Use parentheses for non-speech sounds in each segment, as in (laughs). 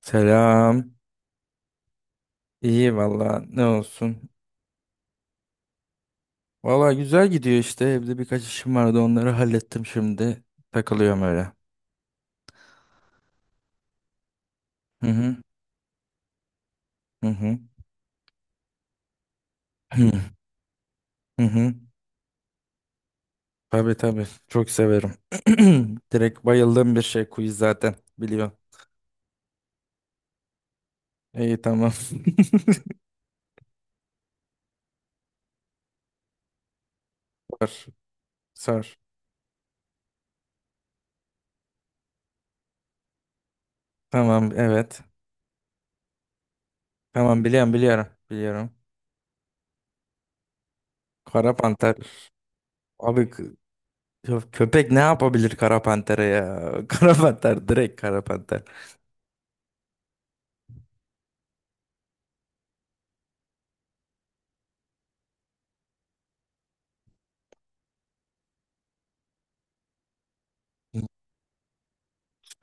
Selam. İyi valla ne olsun. Valla güzel gidiyor işte. Evde birkaç işim vardı onları hallettim şimdi. Takılıyorum öyle. Hı hı. Hı hı. Hı hı. Hı. Tabii tabii. Çok severim. (clears throat) Direkt bayıldığım bir şey quiz zaten. Biliyorum. İyi tamam. (laughs) Sor. Sor. Tamam evet. Tamam biliyorum biliyorum. Biliyorum. Kara panter. Abi köpek ne yapabilir kara pantere ya? (laughs) Kara panter direkt kara panter.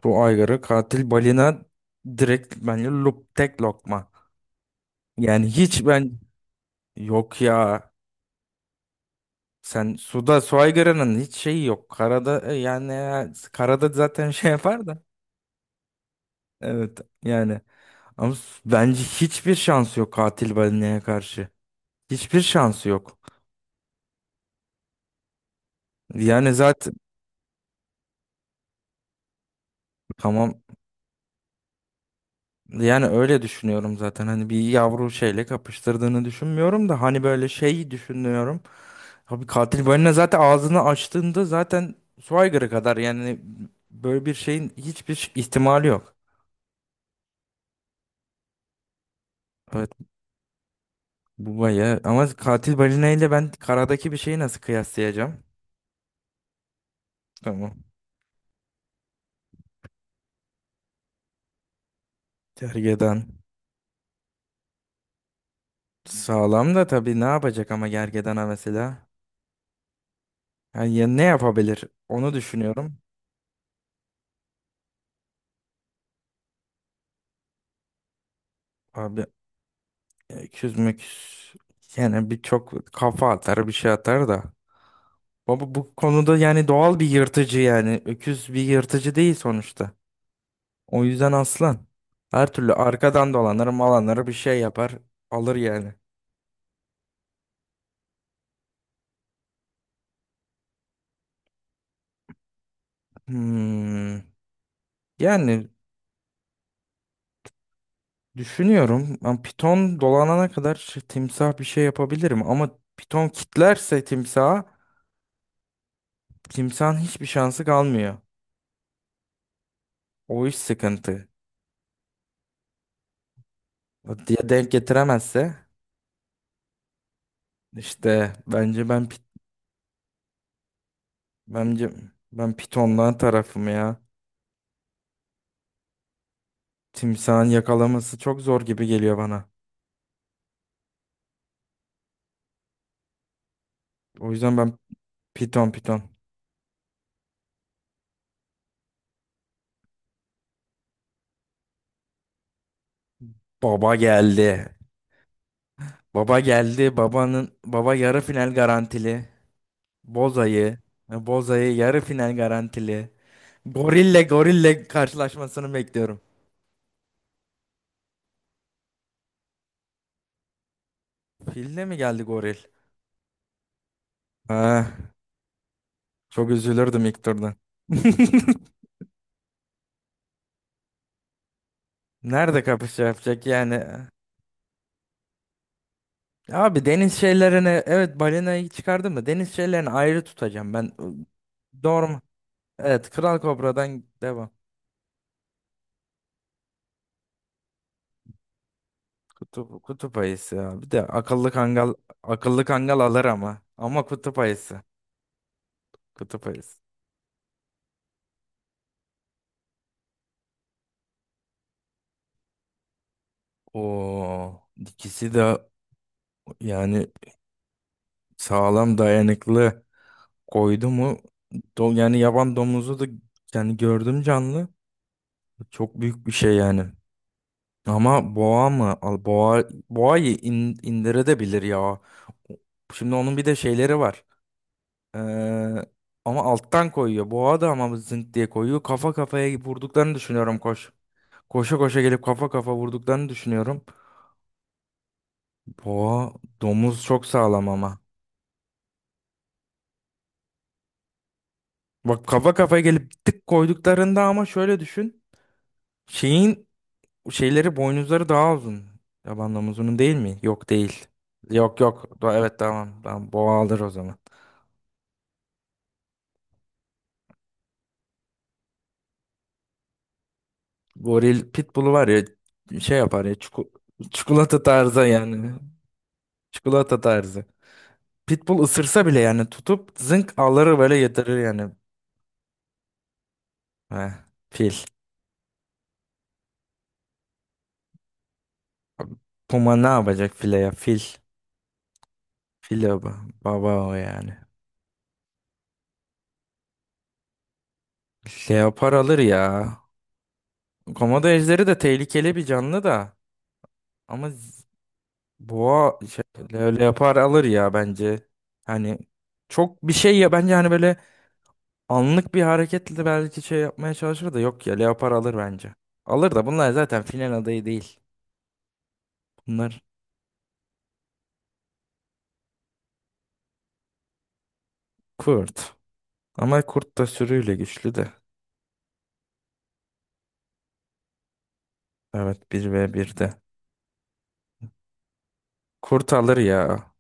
Bu aygırı katil balina direkt bence lup tek lokma. Yani hiç ben yok ya. Sen suda su aygırının hiç şeyi yok. Karada yani karada zaten şey yapar da. Evet yani ama bence hiçbir şansı yok katil balinaya karşı. Hiçbir şansı yok. Yani zaten tamam yani öyle düşünüyorum zaten. Hani bir yavru şeyle kapıştırdığını düşünmüyorum da hani böyle şeyi düşünüyorum. Abi katil balina zaten ağzını açtığında zaten Schweiger'a kadar yani böyle bir şeyin hiçbir ihtimali yok. Evet bu bayağı ama katil balina ile ben karadaki bir şeyi nasıl kıyaslayacağım? Tamam. Gergedan. Sağlam da tabii ne yapacak ama gergedana mesela? Yani ya ne yapabilir? Onu düşünüyorum. Abi öküz müküz yani bir çok kafa atar bir şey atar da. Baba bu konuda yani doğal bir yırtıcı yani. Öküz bir yırtıcı değil sonuçta. O yüzden aslan. Her türlü arkadan dolanır malanır bir şey yapar. Alır yani. Hmm. Yani düşünüyorum. Ben piton dolanana kadar timsah bir şey yapabilirim. Ama piton kitlerse timsaha timsahın hiçbir şansı kalmıyor. O iş sıkıntı. O diye denk getiremezse işte bence ben pitondan tarafım ya. Timsahın yakalaması çok zor gibi geliyor bana. O yüzden ben piton piton. Baba geldi. Baba geldi. Babanın baba yarı final garantili. Boza'yı, Boza'yı yarı final garantili. Gorille gorille karşılaşmasını bekliyorum. Filde mi geldi goril? Ha, çok üzülürdüm ilk turda. (laughs) Nerede kapışa yapacak yani? Abi deniz şeylerini evet balinayı çıkardım mı? Deniz şeylerini ayrı tutacağım ben. Doğru mu? Evet Kral Kobra'dan devam. Kutup ayısı ya. Bir de akıllı kangal alır ama. Ama kutup ayısı. Kutup ayısı. Oo, ikisi de yani sağlam dayanıklı koydu mu yani yaban domuzu da yani gördüm canlı. Çok büyük bir şey yani. Ama boğa mı? Al boğa boğayı indirebilir ya. Şimdi onun bir de şeyleri var. Ee, ama alttan koyuyor. Boğa da ama zınt diye koyuyor. Kafa kafaya vurduklarını düşünüyorum koş. Koşa koşa gelip kafa kafa vurduklarını düşünüyorum. Boğa domuz çok sağlam ama. Bak kafa kafaya gelip tık koyduklarında ama şöyle düşün. Şeyin şeyleri boynuzları daha uzun. Yaban domuzunun değil mi? Yok değil. Yok yok. Evet tamam. Tamam boğa alır o zaman. Goril pitbull'u var ya şey yapar ya çikolata tarzı yani. Çikolata tarzı. Pitbull ısırsa bile yani tutup zınk alır böyle yatırır yani. Heh, fil. Puma ne yapacak file ya fil. Fil baba, baba o yani. Leopar alır ya. Komodo ejderi de tehlikeli bir canlı da. Ama boğa şey, leopar alır ya bence. Hani çok bir şey ya bence hani böyle anlık bir hareketle de belki şey yapmaya çalışır da yok ya leopar alır bence. Alır da bunlar zaten final adayı değil. Bunlar kurt. Ama kurt da sürüyle güçlü de. Evet bir ve bir de Kurt alır ya.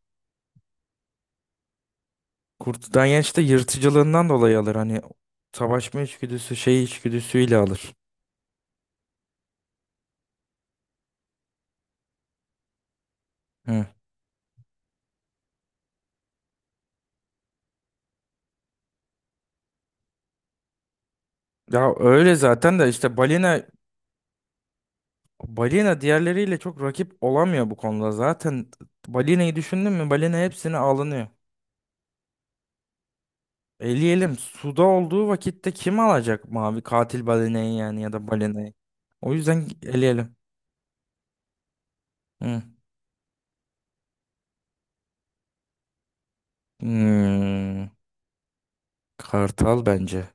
Kurt Danyenç de yırtıcılığından dolayı alır. Hani savaşma içgüdüsü, şey içgüdüsüyle alır. Hı. Ya öyle zaten de işte balina balina diğerleriyle çok rakip olamıyor bu konuda. Zaten balinayı düşündün mü? Balina hepsini alınıyor. Eleyelim. Suda olduğu vakitte kim alacak mavi katil balinayı yani ya da balinayı? O yüzden eleyelim. Hı. Hmm. Kartal bence.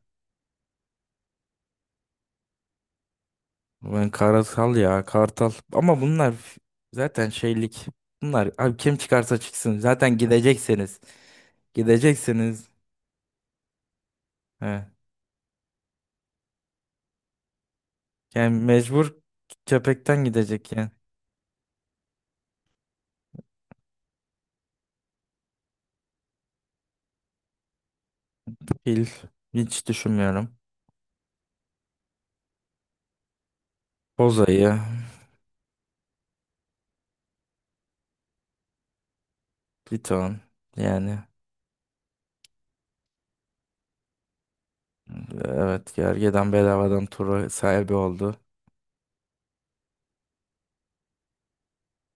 Ben kartal ya kartal. Ama bunlar zaten şeylik. Bunlar abi kim çıkarsa çıksın. Zaten gideceksiniz. Gideceksiniz. He. Yani mecbur köpekten gidecek yani. Fil hiç düşünmüyorum. Bozayı, piton. Yani evet gergedan bedavadan turu sahibi oldu.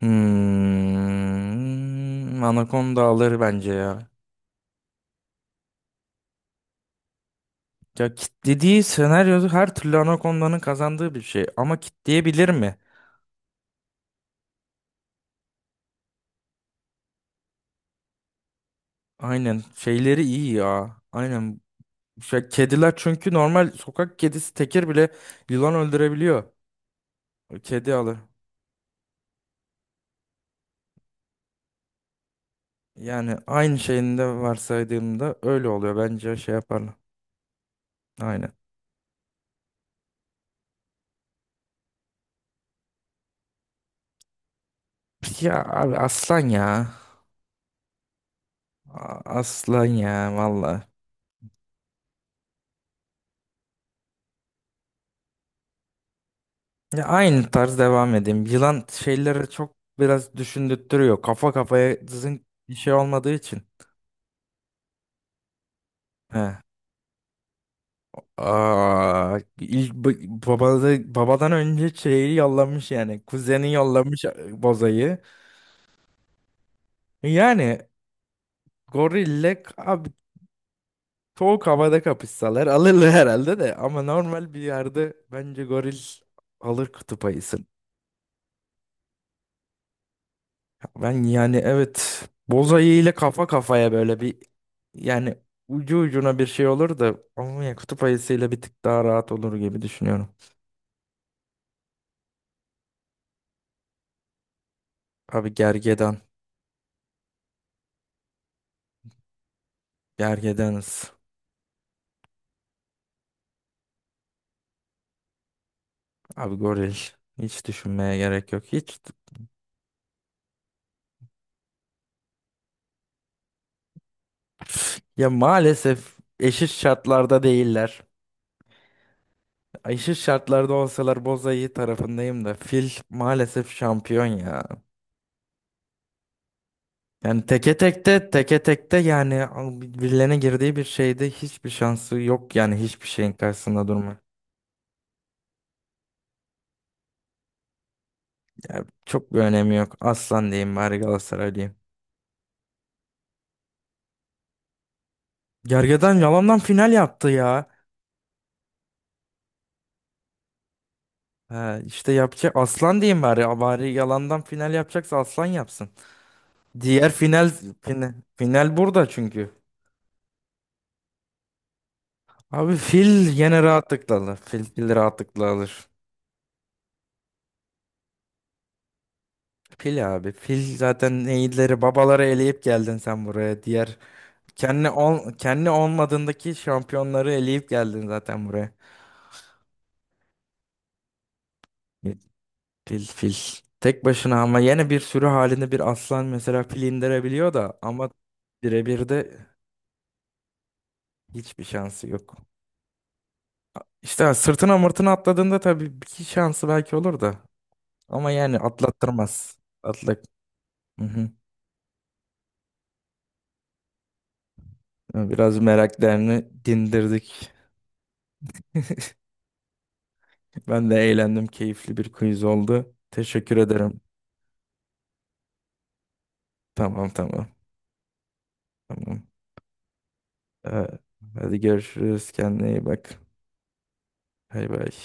Hmm, Anaconda alır bence ya. Ya kitlediği senaryoda her türlü Anaconda'nın kazandığı bir şey. Ama kitleyebilir mi? Aynen şeyleri iyi ya. Aynen. Şey, kediler çünkü normal sokak kedisi tekir bile yılan öldürebiliyor. Kedi alır. Yani aynı şeyinde varsaydığımda öyle oluyor. Bence şey yaparlar. Aynen. Ya abi aslan ya. Aslan ya valla. Ya aynı tarz devam edeyim. Yılan şeyleri çok biraz düşündürtüyor. Kafa kafaya zın bir şey olmadığı için. He. Aa, ilk babada, babadan önce şeyi yollamış yani. Kuzeni yollamış, bozayı. Yani gorille abi soğuk havada kapışsalar alırlar herhalde de. Ama normal bir yerde bence goril alır kutup ayısını. Ben yani evet bozayı ile kafa kafaya böyle bir yani ucu ucuna bir şey olur da ama ya kutup ayısıyla bir tık daha rahat olur gibi düşünüyorum. Abi gergedan. Gergedanız. Abi goril hiç düşünmeye gerek yok. Hiç ya maalesef eşit şartlarda değiller. Eşit şartlarda olsalar Bozayı tarafındayım da fil maalesef şampiyon ya. Yani teke tekte teke tekte yani birilerine girdiği bir şeyde hiçbir şansı yok yani hiçbir şeyin karşısında durma. Ya çok bir önemi yok. Aslan diyeyim bari Galatasaray diyeyim. Gergedan yalandan final yaptı ya. Ha, işte yapacak aslan diyeyim bari. Bari yalandan final yapacaksa aslan yapsın. Diğer final, final burada çünkü. Abi fil yine rahatlıkla alır. Fil rahatlıkla alır. Fil abi. Fil zaten iyileri babaları eleyip geldin sen buraya. Diğer kendi olmadığındaki şampiyonları eleyip geldin zaten buraya. Fil fil. Tek başına ama yine bir sürü halinde bir aslan mesela fil indirebiliyor da ama birebir de hiçbir şansı yok. İşte sırtına mırtına atladığında tabii bir iki şansı belki olur da. Ama yani atlattırmaz. Atla. Hı hı. Yani biraz meraklarını dindirdik. Ben de eğlendim. Keyifli bir quiz oldu. Teşekkür ederim. Tamam tamam. Tamam. Ee, hadi görüşürüz. Kendine iyi bak. Bay bay.